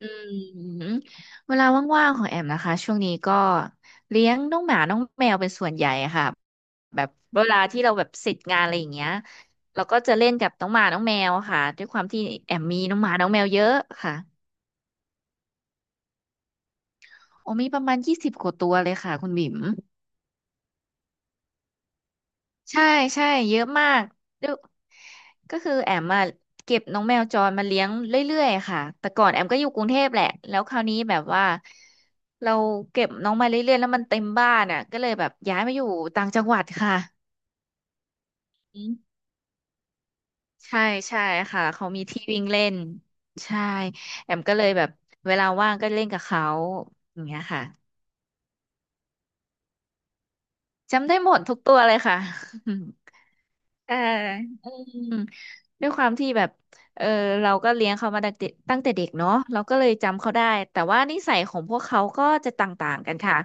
อืมเวลาว่างๆของแอมนะคะช่วงนี้ก็เลี้ยงน้องหมาน้องแมวเป็นส่วนใหญ่ค่ะแบบเวลาที่เราแบบเสร็จงานอะไรอย่างเงี้ยเราก็จะเล่นกับน้องหมาน้องแมวค่ะด้วยความที่แอมมีน้องหมาน้องแมวเยอะค่ะโอ้มีประมาณยี่สิบกว่าตัวเลยค่ะคุณบิ๋ม ใช่ใช่เยอะมากดูก็คือแอมมาเก็บน้องแมวจรมาเลี้ยงเรื่อยๆค่ะแต่ก่อนแอมก็อยู่กรุงเทพแหละแล้วคราวนี้แบบว่าเราเก็บน้องมาเรื่อยๆแล้วมันเต็มบ้านอ่ะก็เลยแบบย้ายมาอยู่ต่างจังหวัดค่ะอืมใช่ใช่ค่ะเขามีที่วิ่งเล่นใช่แอมก็เลยแบบเวลาว่างก็เล่นกับเขาอย่างเงี้ยค่ะจำได้หมดทุกตัวเลยค่ะ เอออืมด้วยความที่แบบเออเราก็เลี้ยงเขามาตั้งแต่เด็กเนาะเราก็เลยจำเขาได้แต่ว่านิสัยของพวกเขาก็จะต่างๆกันค่ะ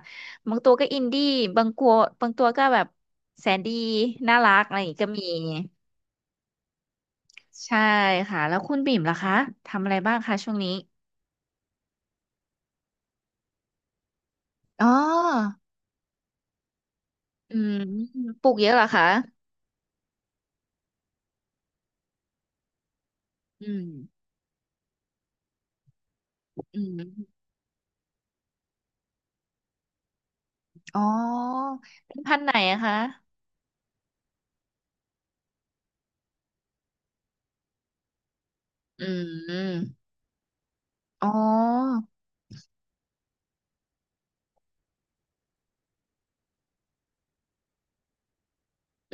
บางตัวก็อินดี้บางกัวบางตัวก็แบบแสนดีน่ารักอะไรอย่างงี้ก็มีใช่ค่ะแล้วคุณบิ่มล่ะคะทำอะไรบ้างคะช่วงนี้อ๋ออืมปลูกเยอะเหรอคะอืมอืมอ๋อเป็นพันธุ์ไหนอะคะอืมอ๋อ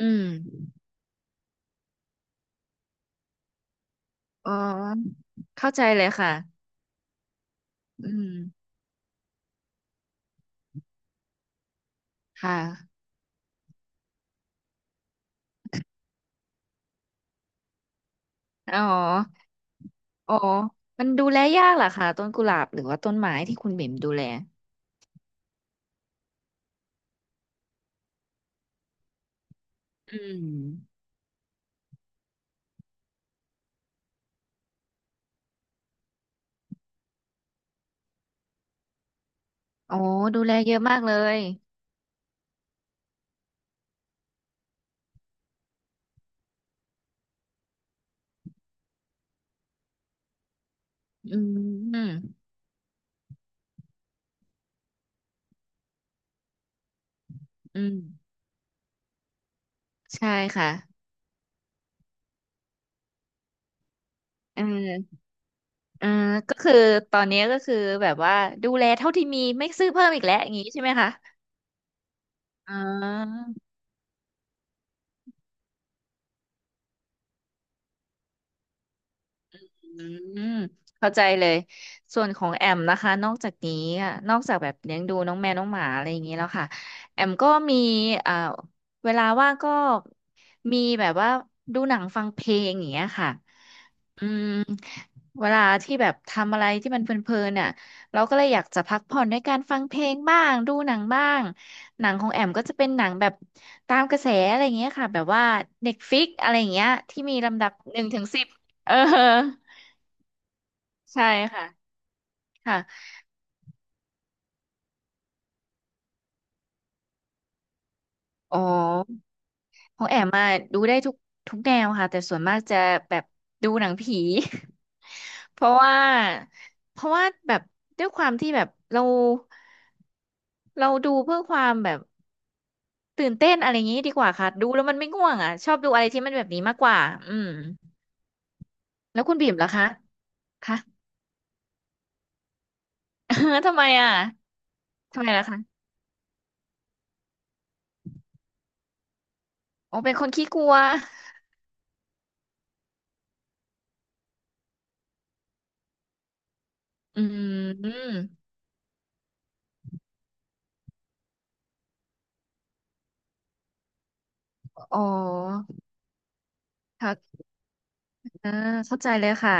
อืม อ๋อเข้าใจเลยค่ะอืมค่ะอ๋ออ๋อมันดูแลยากเหรอคะต้นกุหลาบหรือว่าต้นไม้ที่คุณบิ่มดูแลอืมอ๋อดูแลเยอะมากเลยอืมอืมอืมใช่ค่ะเออเออก็คือตอนนี้ก็คือแบบว่าดูแลเท่าที่มีไม่ซื้อเพิ่มอีกแล้วอย่างนี้ใช่ไหมคะอ๋อ อืมเข้าใจเลยส่วนของแอมนะคะนอกจากนี้อะนอกจากแบบเลี้ยงดูน้องแมวน้องหมาอะไรอย่างนี้แล้วค่ะแอมก็มีอ่าเวลาว่างก็มีแบบว่าดูหนังฟังเพลงอย่างเงี้ยค่ะอืมเวลาที่แบบทำอะไรที่มันเพลินๆน่ะเราก็เลยอยากจะพักผ่อนด้วยการฟังเพลงบ้างดูหนังบ้างหนังของแอมก็จะเป็นหนังแบบตามกระแสอะไรอย่างเงี้ยค่ะแบบว่า Netflix อะไรอย่างเงี้ยที่มีลำดับหนึ่งถึงสิบเออ ใช่ค่ะค่ะอ๋อของแอมมาดูได้ทุกแนวค่ะแต่ส่วนมากจะแบบดูหนังผี เพราะว่าแบบด้วยความที่แบบเราดูเพื่อความแบบตื่นเต้นอะไรอย่างนี้ดีกว่าค่ะดูแล้วมันไม่ง่วงอ่ะชอบดูอะไรที่มันแบบนี้มากกว่าอืมแล้วคุณบีมล่ะคะคะ ทำไมอ่ะทำไมล่ะคะอ๋อเป็นคนขี้กลัวอืมอ๋อค่ะอ่าเข้าใจเลยค่ะ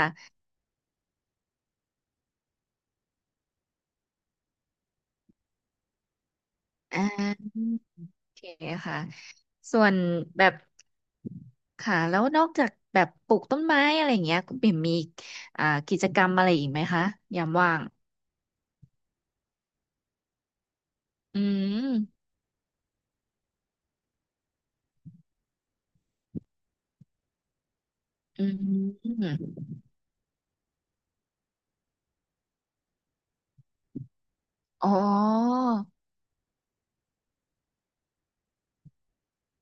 อ่าโอเคค่ะส่วนแบบค่ะแล้วนอกจากแบบปลูกต้นไม้อะไรอย่างเงี้ยคุณปิ่มมีอ่ากิจกรรมอะไรอีกไหมคะยามว่างอืมอืมอ๋อ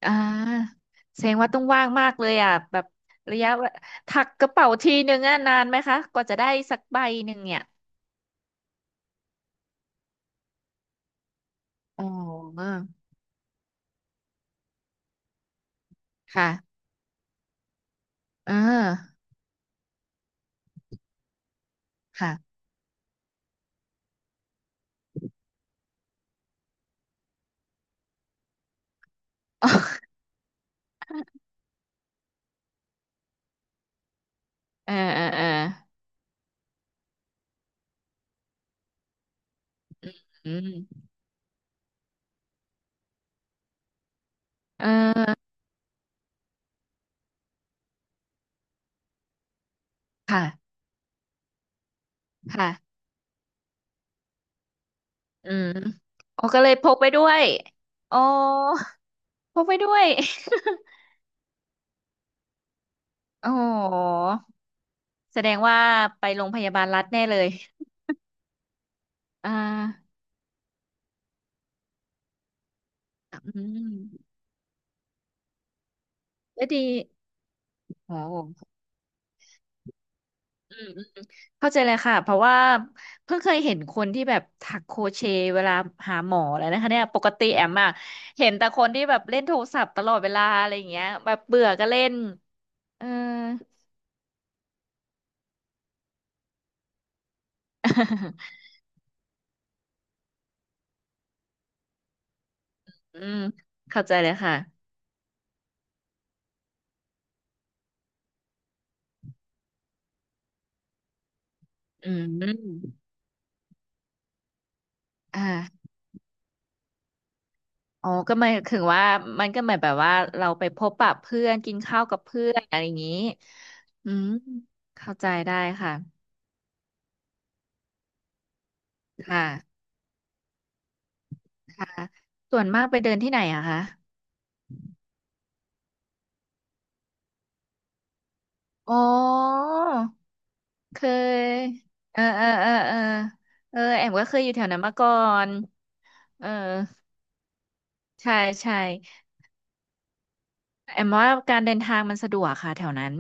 อ่าแสดงว่าต้องว่างมากเลยอ่ะแบบระยะเวลาถักกระเป๋าทีนึงอ่ะนานไหมคะกว่าจะได้สักใบหนึ่งเนี่ยอ๋อค่ะเออค่ะ เออเออเอออืมเออค่ะค่ะ อืมอ๋อก็เลยพกไปด้วยอ๋อพกไปด้วย อ๋อแสดงว่าไปโรงพยาบาลรัฐแน่เลยอ่าอืมก็ดีโอ้อืมอืมเข้าใจเลยค่ะเพราะว่าเพิ่งเคยเห็นคนที่แบบถักโครเชต์เวลาหาหมอเลยนะคะเนี่ยปกติแอมอะเห็นแต่คนที่แบบเล่นโทรศัพท์ตลอดเวลาอะไรอย่างเงี้ยแบบเบื่อก็เล่นเออ อืมเข้าใจเลยค่ะอืมอ่า อ๋อก็หมายถึงว่ามันก็หมายแบบว่าเราไปพบปะเพื่อนกินข้าวกับเพื่อนอะไรอย่างนี้อืมเข้าใจได้ค่ะ ค่ะค่ะส่วนมากไปเดินที่ไหนอะคะอ๋อเคยเออเออเออเออเออแอมก็เคยอยู่แถวนั้นมาก่อนเออใช่ใช่แอมว่าการเดินทางมันสะดวกค่ะแถวนั้น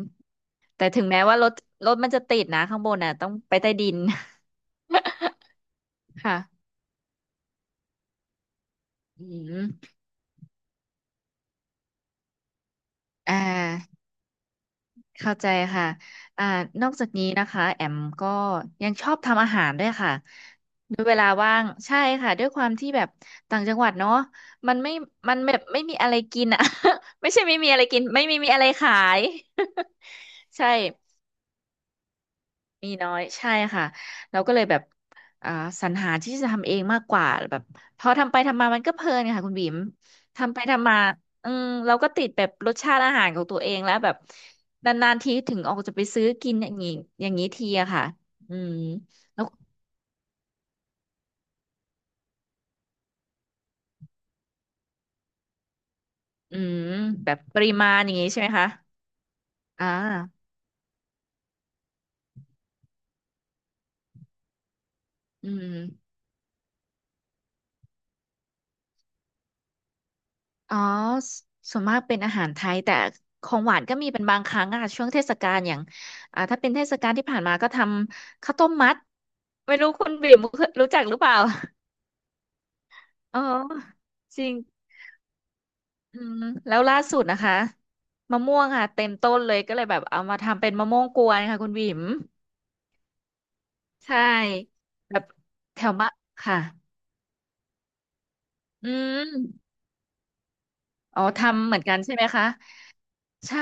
แต่ถึงแม้ว่ารถมันจะติดนะข้างบนน่ะต้องไปใต้ดิน ค่ะอืมอ่า เข้าใจค่ะอ่านอกจากนี้นะคะแอมก็ยังชอบทำอาหารด้วยค่ะด้วยเวลาว่างใช่ค่ะด้วยความที่แบบต่างจังหวัดเนาะมันไม่มันแบบไม่มีอะไรกินอ่ะ ไม่ใช่ไม่มีอะไรกินไม่มีมีอะไรขาย ใช่ มีน้อยใช่ค่ะเราก็เลยแบบอ่าสรรหาที่จะทำเองมากกว่าแบบพอทำไปทำมามันก็เพลินค่ะคุณบิ๋มทำไปทำมาอืมเราก็ติดแบบรสชาติอาหารของตัวเองแล้วแบบนานๆทีถึงออกจะไปซื้อกินอย่างนี้ทีอะค่ะอืมแล้วอืมแบบปริมาณอย่างนี้ใช่ไหมคะอ่าอืม อ๋อสส่วนมากเป็นอาหารไทยแต่ของหวานก็มีเป็นบางครั้งอะช่วงเทศกาลอย่างอ่าถ้าเป็นเทศกาลที่ผ่านมาก็ทำข้าวต้มมัดไม่รู้คุณบิ่มเคยรู้จักหรือเปล่า อ๋อจริงอืมแล้วล่าสุดนะคะมะม่วงค่ะเต็มต้นเลยก็เลยแบบเอามาทำเป็นมะม่วงกวนค่ะคุณบิ่มใช่แบบแถวมะค่ะอืมอ๋อทำเหมือนกันใช่ไหมคะใช่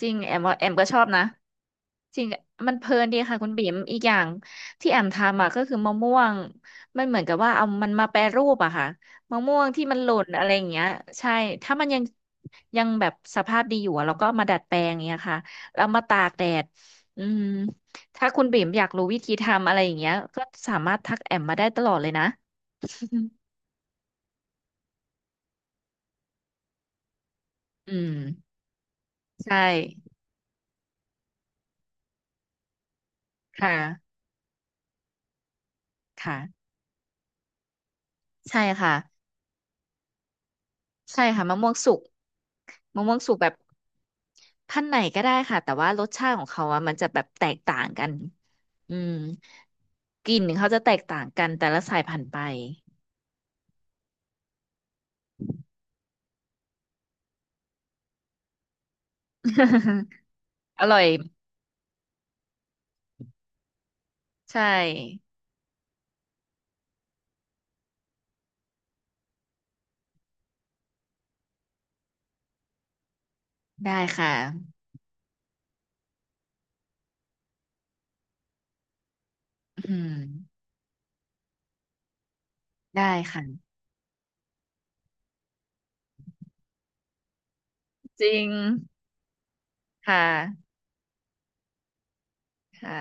จริงแอมว่าแอมก็ชอบนะ จริงมันเพลินดีค่ะคุณบิ๋มอีกอย่างที่แอมทำอ่ะก็คือมะม่วงมันเหมือนกับว่าเอามันมาแปรรูปอะค่ะมะม่วงที่มันหล่นอะไรอย่างเงี้ยใช่ถ้ามันยังแบบสภาพดีอยู่อะเราก็เอามาดัดแปลงอย่างเงี้ยค่ะแล้วมาตากแดดอืมถ้าคุณบิ๋มอยากรู้วิธีทำอะไรอย่างเงี้ยก็สามารถทักแอมมาได้ตลอดเลยนะ อืมใช่ค่ะค่ะใช่ค่ะใช่ค่ะมะม่วงสุกมะม่วงสุกแบบ ขั้นไหนก็ได้ค่ะแต่ว่ารสชาติของเขาอะมันจะแบบแตกต่างกันอืมกลิ่นเขาจะแตกต่างกันแต่ละสายพันธุ์ไป อร่อยใช่ได้ค่ะอืมได้ค่ะจริงค่ะค่ะ